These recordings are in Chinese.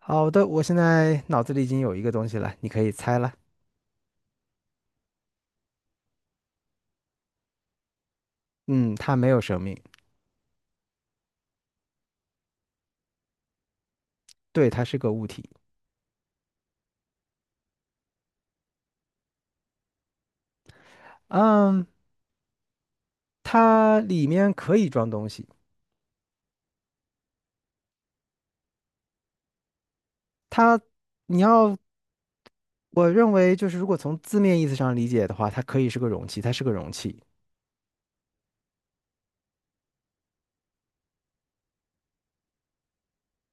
好的，我现在脑子里已经有一个东西了，你可以猜了。嗯，它没有生命，对，它是个物体。嗯，它里面可以装东西。它，你要，我认为就是如果从字面意思上理解的话，它可以是个容器，它是个容器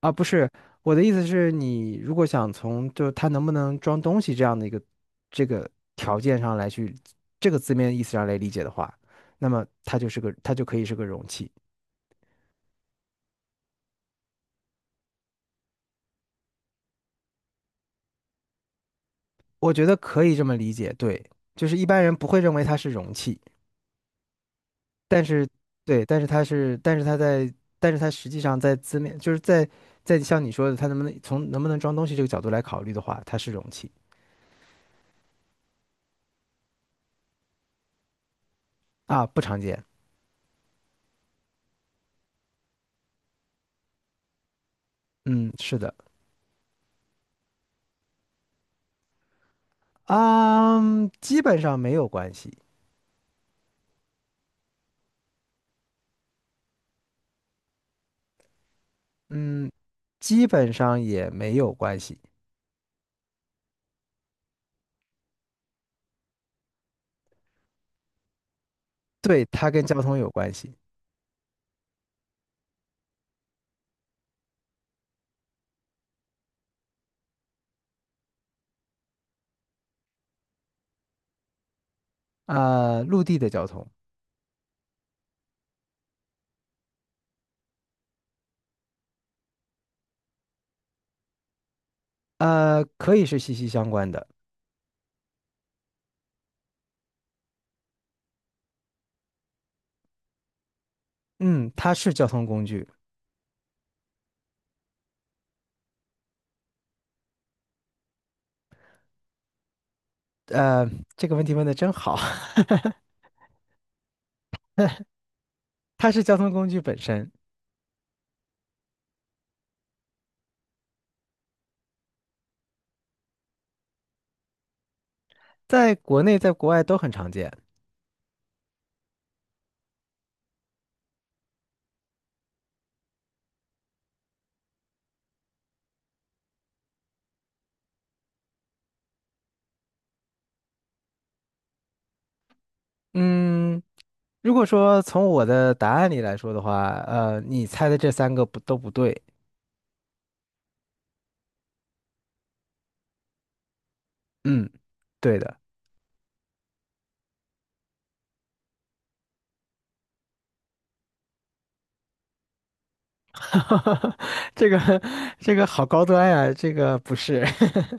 啊，不是。我的意思是你如果想从就它能不能装东西这样的一个这个条件上来去字面意思上来理解的话，那么它就可以是个容器。我觉得可以这么理解，对，就是一般人不会认为它是容器，但是，对，但是它是，但是它在，但是它实际上在字面，就是在像你说的，它能不能从能不能装东西这个角度来考虑的话，它是容器。啊，不常见。嗯，是的。啊，基本上没有关系。嗯，基本上也没有关系。对，它跟交通有关系。啊，陆地的交通。呃，可以是息息相关的。嗯，它是交通工具。呃，这个问题问的真好，它是交通工具本身。在国内在国外都很常见。嗯，如果说从我的答案里来说的话，你猜的这三个不都不对。嗯，对的。这个这个好高端呀，这个不是。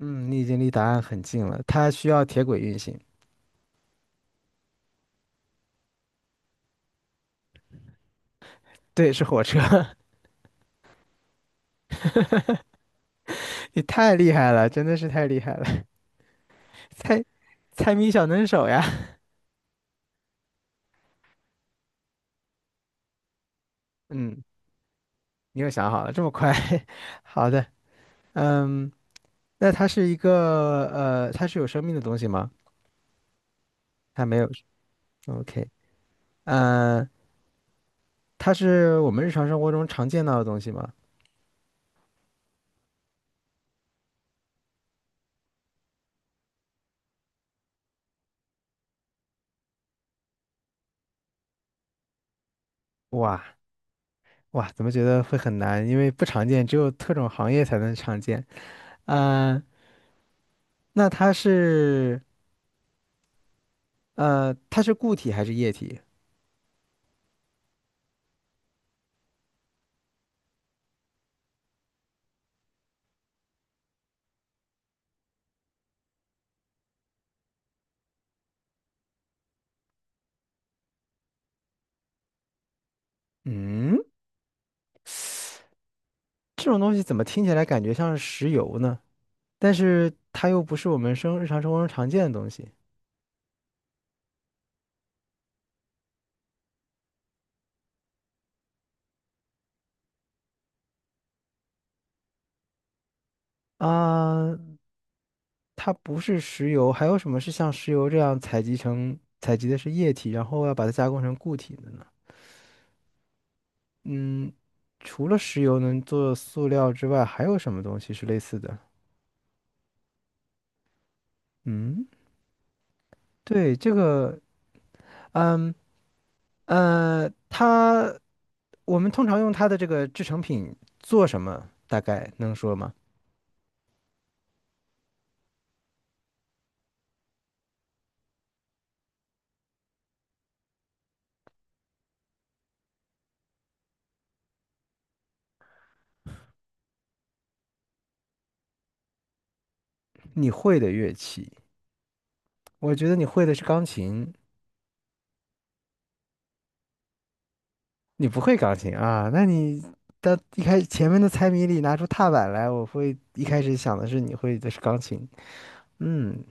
嗯，你已经离答案很近了，它需要铁轨运行。对，是火车。你太厉害了，真的是太厉害了。猜猜谜小能手呀。嗯。你又想好了，这么快？好的，嗯，那它是一个它是有生命的东西吗？它没有。OK，嗯，它是我们日常生活中常见到的东西吗？哇哇，怎么觉得会很难？因为不常见，只有特种行业才能常见。呃，那它是呃，它是固体还是液体？嗯，这种东西怎么听起来感觉像是石油呢？但是它又不是我们生日常生活中常见的东西。啊，它不是石油，还有什么是像石油这样采集的是液体，然后要把它加工成固体的呢？嗯，除了石油能做塑料之外，还有什么东西是类似的？嗯，对，这个，嗯呃，它我们通常用它的这个制成品做什么？大概能说吗？你会的乐器，我觉得你会的是钢琴。你不会钢琴啊？到一开始前面的猜谜里拿出踏板来，我会一开始想的是你会的是钢琴。嗯，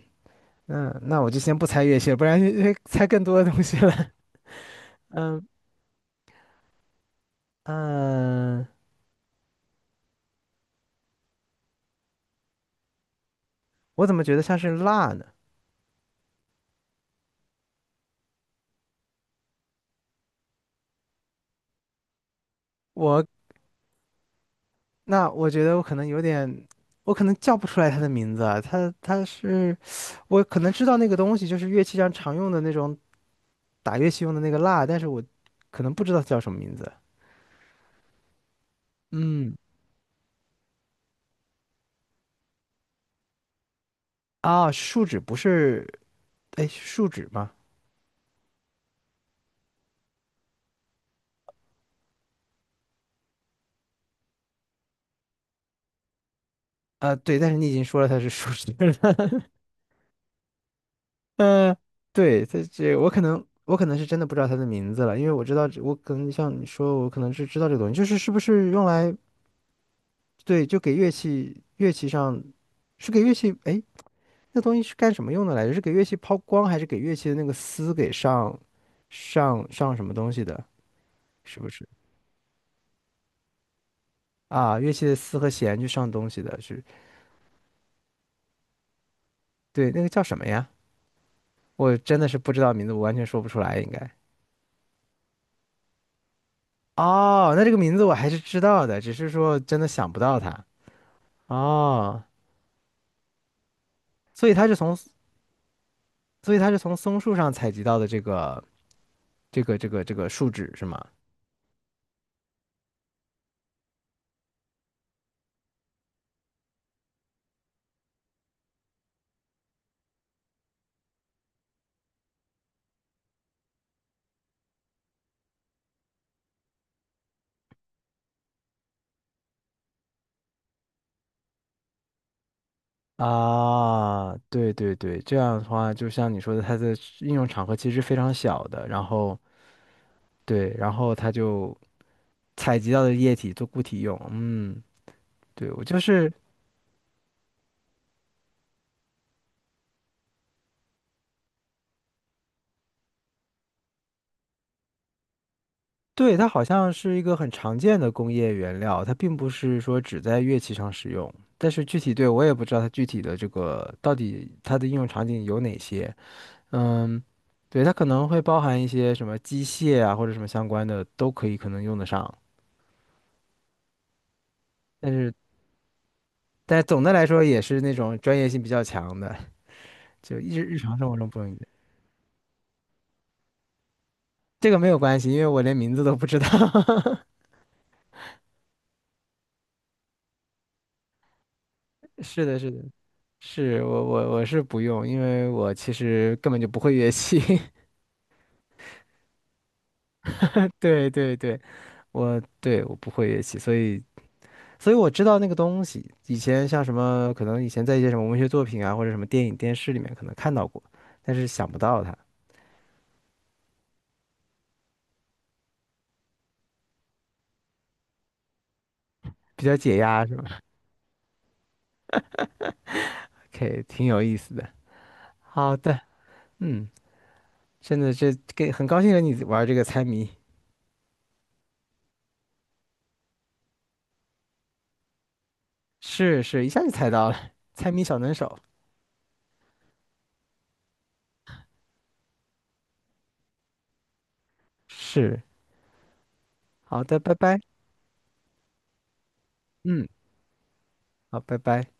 那我就先不猜乐器了，不然会猜更多的东西了。嗯，我怎么觉得像是蜡呢？我那我觉得我可能有点，我可能叫不出来它的名字啊。它是，我可能知道那个东西就是乐器上常用的那种打乐器用的那个蜡，但是我可能不知道它叫什么名字。嗯，啊，树脂不是。哎，树脂吗？啊，对，但是你已经说了它是树脂了。嗯，对，它这我可能是真的不知道它的名字了，因为我知道这我可能像你说，我可能是知道这个东西，就是是不是用来对，就给乐器上是给乐器哎，那东西是干什么用的来着？是给乐器抛光，还是给乐器的那个丝给上什么东西的？是不是啊？乐器的丝和弦去上东西的是，对，那个叫什么呀？我真的是不知道名字，我完全说不出来，应该。哦，那这个名字我还是知道的，只是说真的想不到它。哦，所以它是从，所以它是从松树上采集到的这个树脂是吗？啊，对对对，这样的话，就像你说的，它的应用场合其实非常小的，然后对，然后它就采集到的液体做固体用。嗯，对，我就是。对，它好像是一个很常见的工业原料，它并不是说只在乐器上使用。但是具体对我也不知道它具体的这个到底它的应用场景有哪些。嗯，对，它可能会包含一些什么机械啊或者什么相关的都可以可能用得上。但是但总的来说也是那种专业性比较强的，就日常生活中不用。这个没有关系，因为我连名字都不知道。是的，是的，是我是不用，因为我其实根本就不会乐器。对对对，我不会乐器，所以所以我知道那个东西。以前像什么，可能以前在一些什么文学作品啊，或者什么电影、电视里面可能看到过，但是想不到它。比较解压是吧，可以。 挺有意思的。好的，嗯，真的这给很高兴跟你玩这个猜谜。是是，一下就猜到了。猜谜小能手，是。好的，拜拜。嗯，好，拜拜。